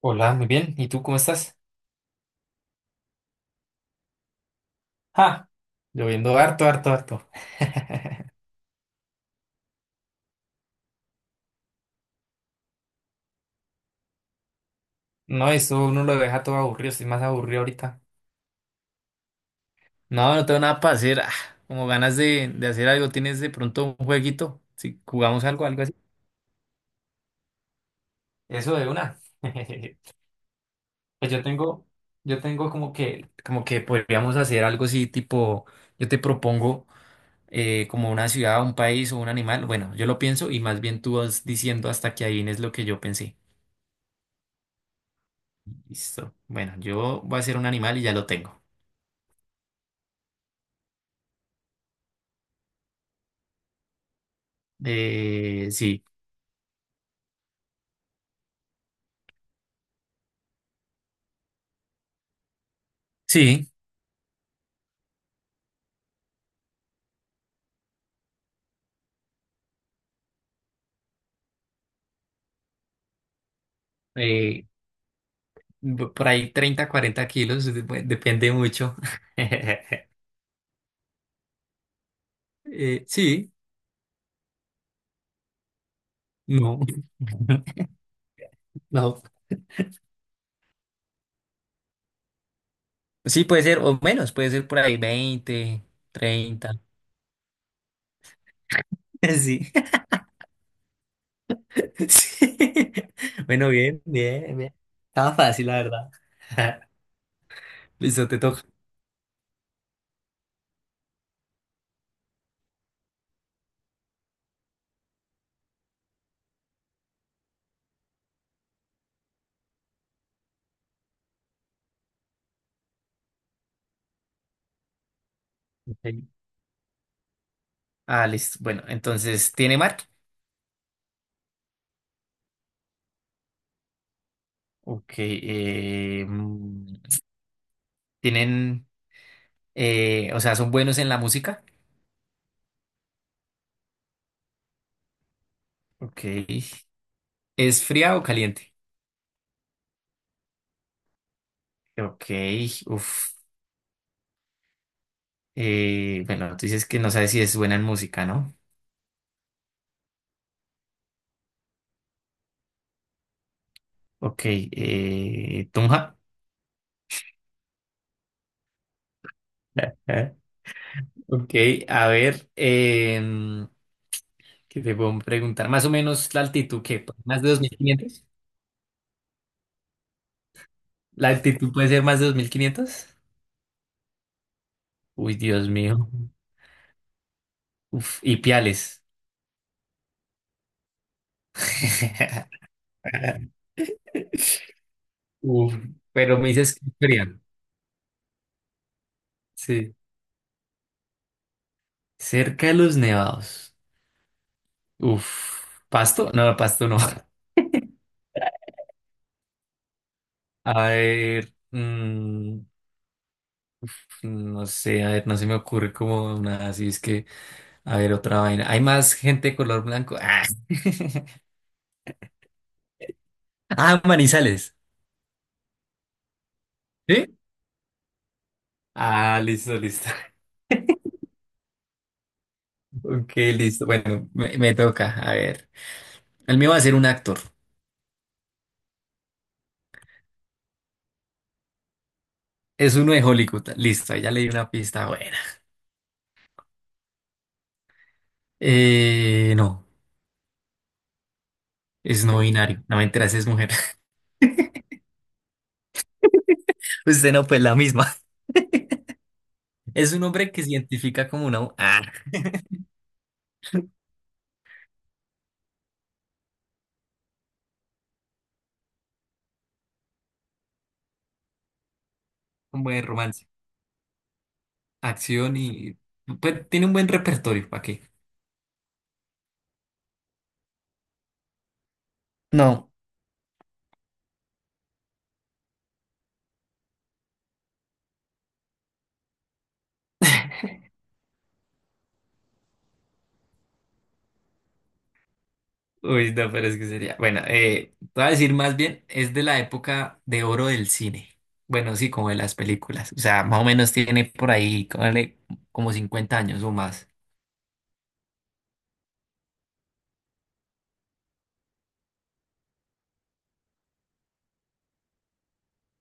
Hola, muy bien. ¿Y tú cómo estás? ¡Ja! Lloviendo harto, harto, harto. No, eso uno lo deja todo aburrido. Estoy más aburrido ahorita. No, no tengo nada para hacer. Ah, como ganas de hacer algo. ¿Tienes de pronto un jueguito? Si jugamos algo, algo así. Eso de una. Pues yo tengo como que podríamos hacer algo así, tipo, yo te propongo como una ciudad, un país o un animal. Bueno, yo lo pienso y más bien tú vas diciendo hasta que adivines lo que yo pensé. Listo. Bueno, yo voy a hacer un animal y ya lo tengo. Sí, sí. eh, por ahí 30 40 kilos, depende mucho. Sí, no. No. Sí, puede ser, o menos, puede ser por ahí 20 30. Sí, sí. Bueno, bien, bien, bien. Estaba fácil, la verdad. Listo, te toca. Ok. Ah, listo. Bueno, entonces, ¿tiene marca? Ok. ¿Tienen? O sea, son buenos en la música. Ok. ¿Es fría o caliente? Ok. Uf. Bueno, tú dices que no sabes si es buena en música, ¿no? Ok. Tunja. Ok. A ver. ¿Qué te puedo preguntar? Más o menos la altitud, ¿qué? ¿Más de 2.500? ¿La altitud puede ser más de 2.500? Uy, Dios mío. Uf. Y piales. Uf. Pero me dices que es fría. Sí. Cerca de los nevados. Uf. ¿Pasto? No, pasto no. A ver, no sé, a ver, no se me ocurre como una, así es que, a ver, otra vaina. ¿Hay más gente de color blanco? Ah, ah, Manizales. ¿Sí? Ah, listo, listo. Ok, listo. Bueno, me toca. A ver. El mío va a ser un actor. Es uno de Hollywood. Listo, ahí ya le di una pista buena. No, es no binario. No me enteras, es mujer. Usted no, pues la misma. Es un hombre que se identifica como una, ah, un buen romance, acción y pues, tiene un buen repertorio, ¿para qué? No, Uy, no, pero es que sería. Bueno, te voy a decir más bien, es de la época de oro del cine. Bueno, sí, como de las películas. O sea, más o menos tiene por ahí, cónale, como 50 años o más.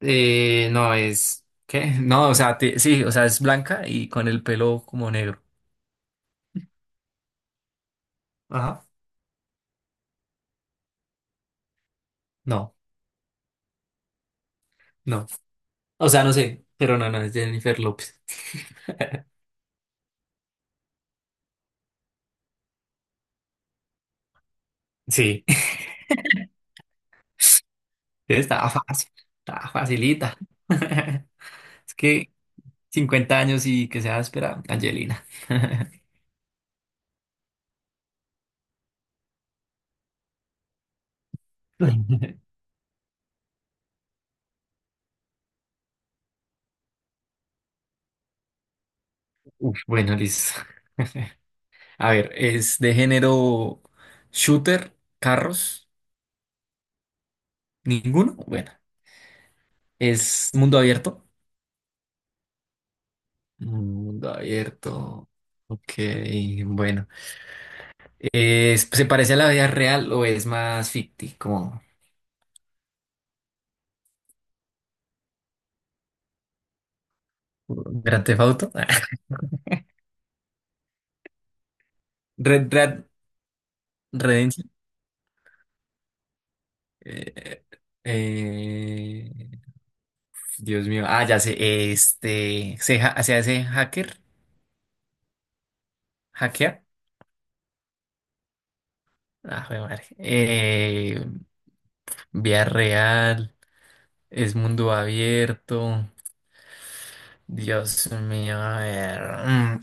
No, es. ¿Qué? No, o sea, sí, o sea, es blanca y con el pelo como negro. Ajá. No, no. O sea, no sé, pero no, no, es Jennifer López. Sí. Estaba fácil, estaba facilita. Es que 50 años y que se va a esperar, Angelina. Uf, bueno, listo. A ver, es de género shooter, carros, ninguno. Bueno, es mundo abierto. Mundo abierto. Ok, bueno. ¿Se parece a la vida real o es más ficti? Como Grand Theft Auto. Red Dead Redemption. Eh, eh, Dios mío. Ah, ya sé. Este. Se hace hacker. Hackear. Ah, jue madre. Vía real. Es mundo abierto. Dios mío. A ver. Mm.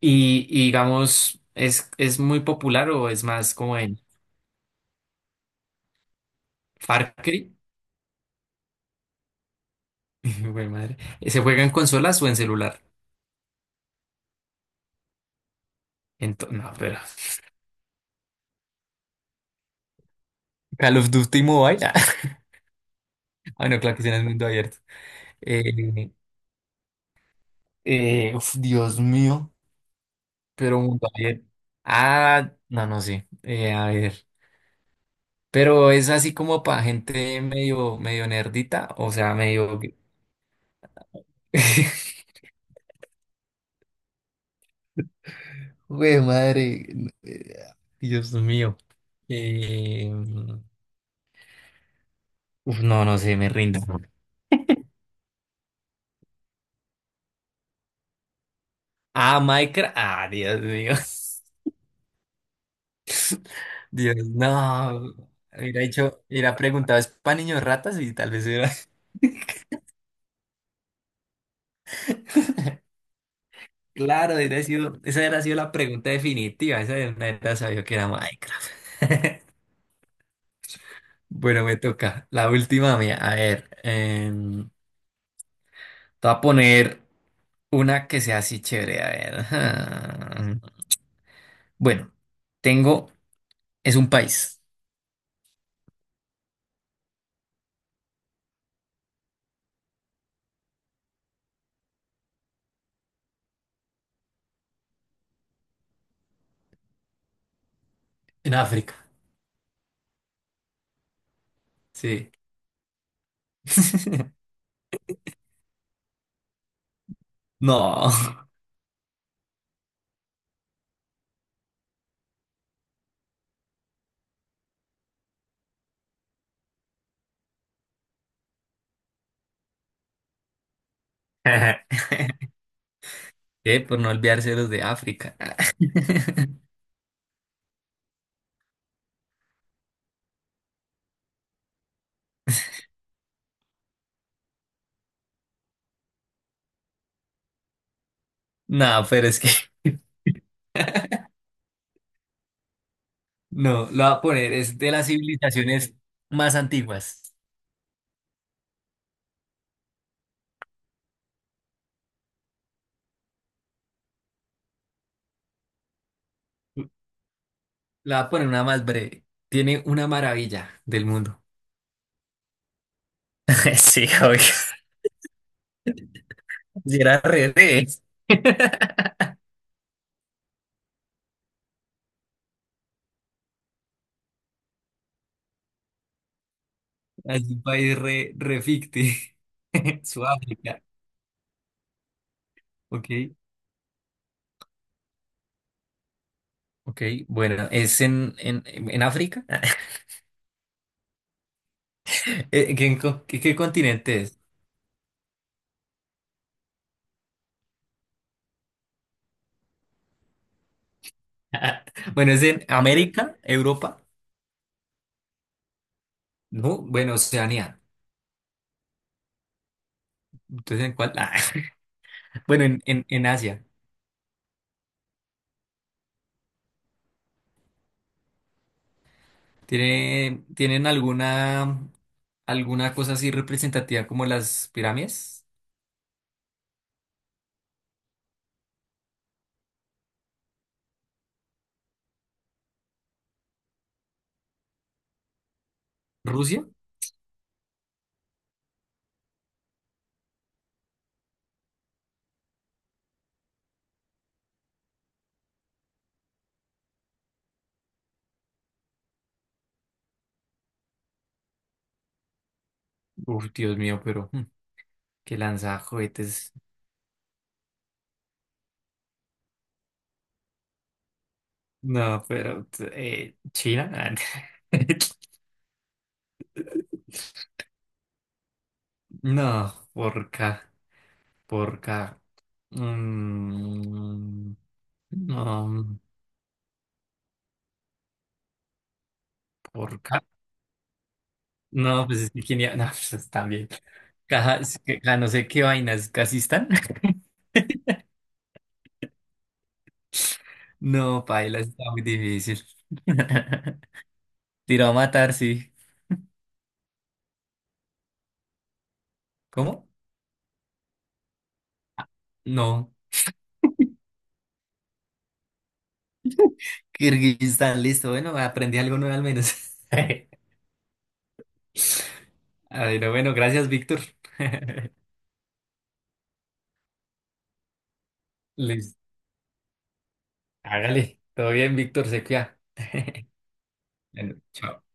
Y digamos, ¿es muy popular o es más como en Far Cry? Jue madre. ¿Se juega en consolas o en celular? No, pero. Call of Duty Mobile. Ah, no, claro que sí, en el mundo abierto. Eh, Uf, Dios mío, pero mundo abierto. Ah, no, no sé. A ver. Pero es así como para gente medio, medio nerdita, o sea, medio. Güey, madre. eh, Dios mío. Eh, Uf, no, no sé, me rindo. Ah, Minecraft. Ah, Dios mío. Dios, no. Hubiera dicho, hubiera preguntado, ¿es para niños ratas? Y tal vez era. Claro, esa, ha sido, esa era ha sido la pregunta definitiva. Esa de una era sabía que era Minecraft. Bueno, me toca. La última mía. A ver, te voy a poner una que sea así chévere. A ver. Ajá. Bueno, tengo. Es un país. En África. Sí. No. Por no olvidarse de los de África. No, pero es que. No, lo voy a poner. Es de las civilizaciones más antiguas. La voy a poner una más breve. Tiene una maravilla del mundo. Sí, obvio. Si era re re. Es un país re, re ficti. Sudáfrica. Ok, ok. Bueno, es en África. ¿Qué continente es? Bueno, es en América, Europa. No, bueno, Oceanía. Entonces, ¿en cuál? Ah, bueno, en Asia. ¿Tienen alguna cosa así representativa como las pirámides? ¿Rusia? Uf, Dios mío, pero que lanza cohetes. No, pero China. No, porca, porca. Mm, no, porca. No, pues es que quién iba- No, pues también. Caja, es que- ja, no sé qué vainas, casi están. No, paila, está muy difícil. Tiró a matar, sí. ¿Cómo? No. Kirguistán, listo. Bueno, aprendí algo nuevo al menos. Ay, no, bueno, gracias, Víctor. Listo. Hágale. Todo bien, Víctor, se cuida. Bueno, chao.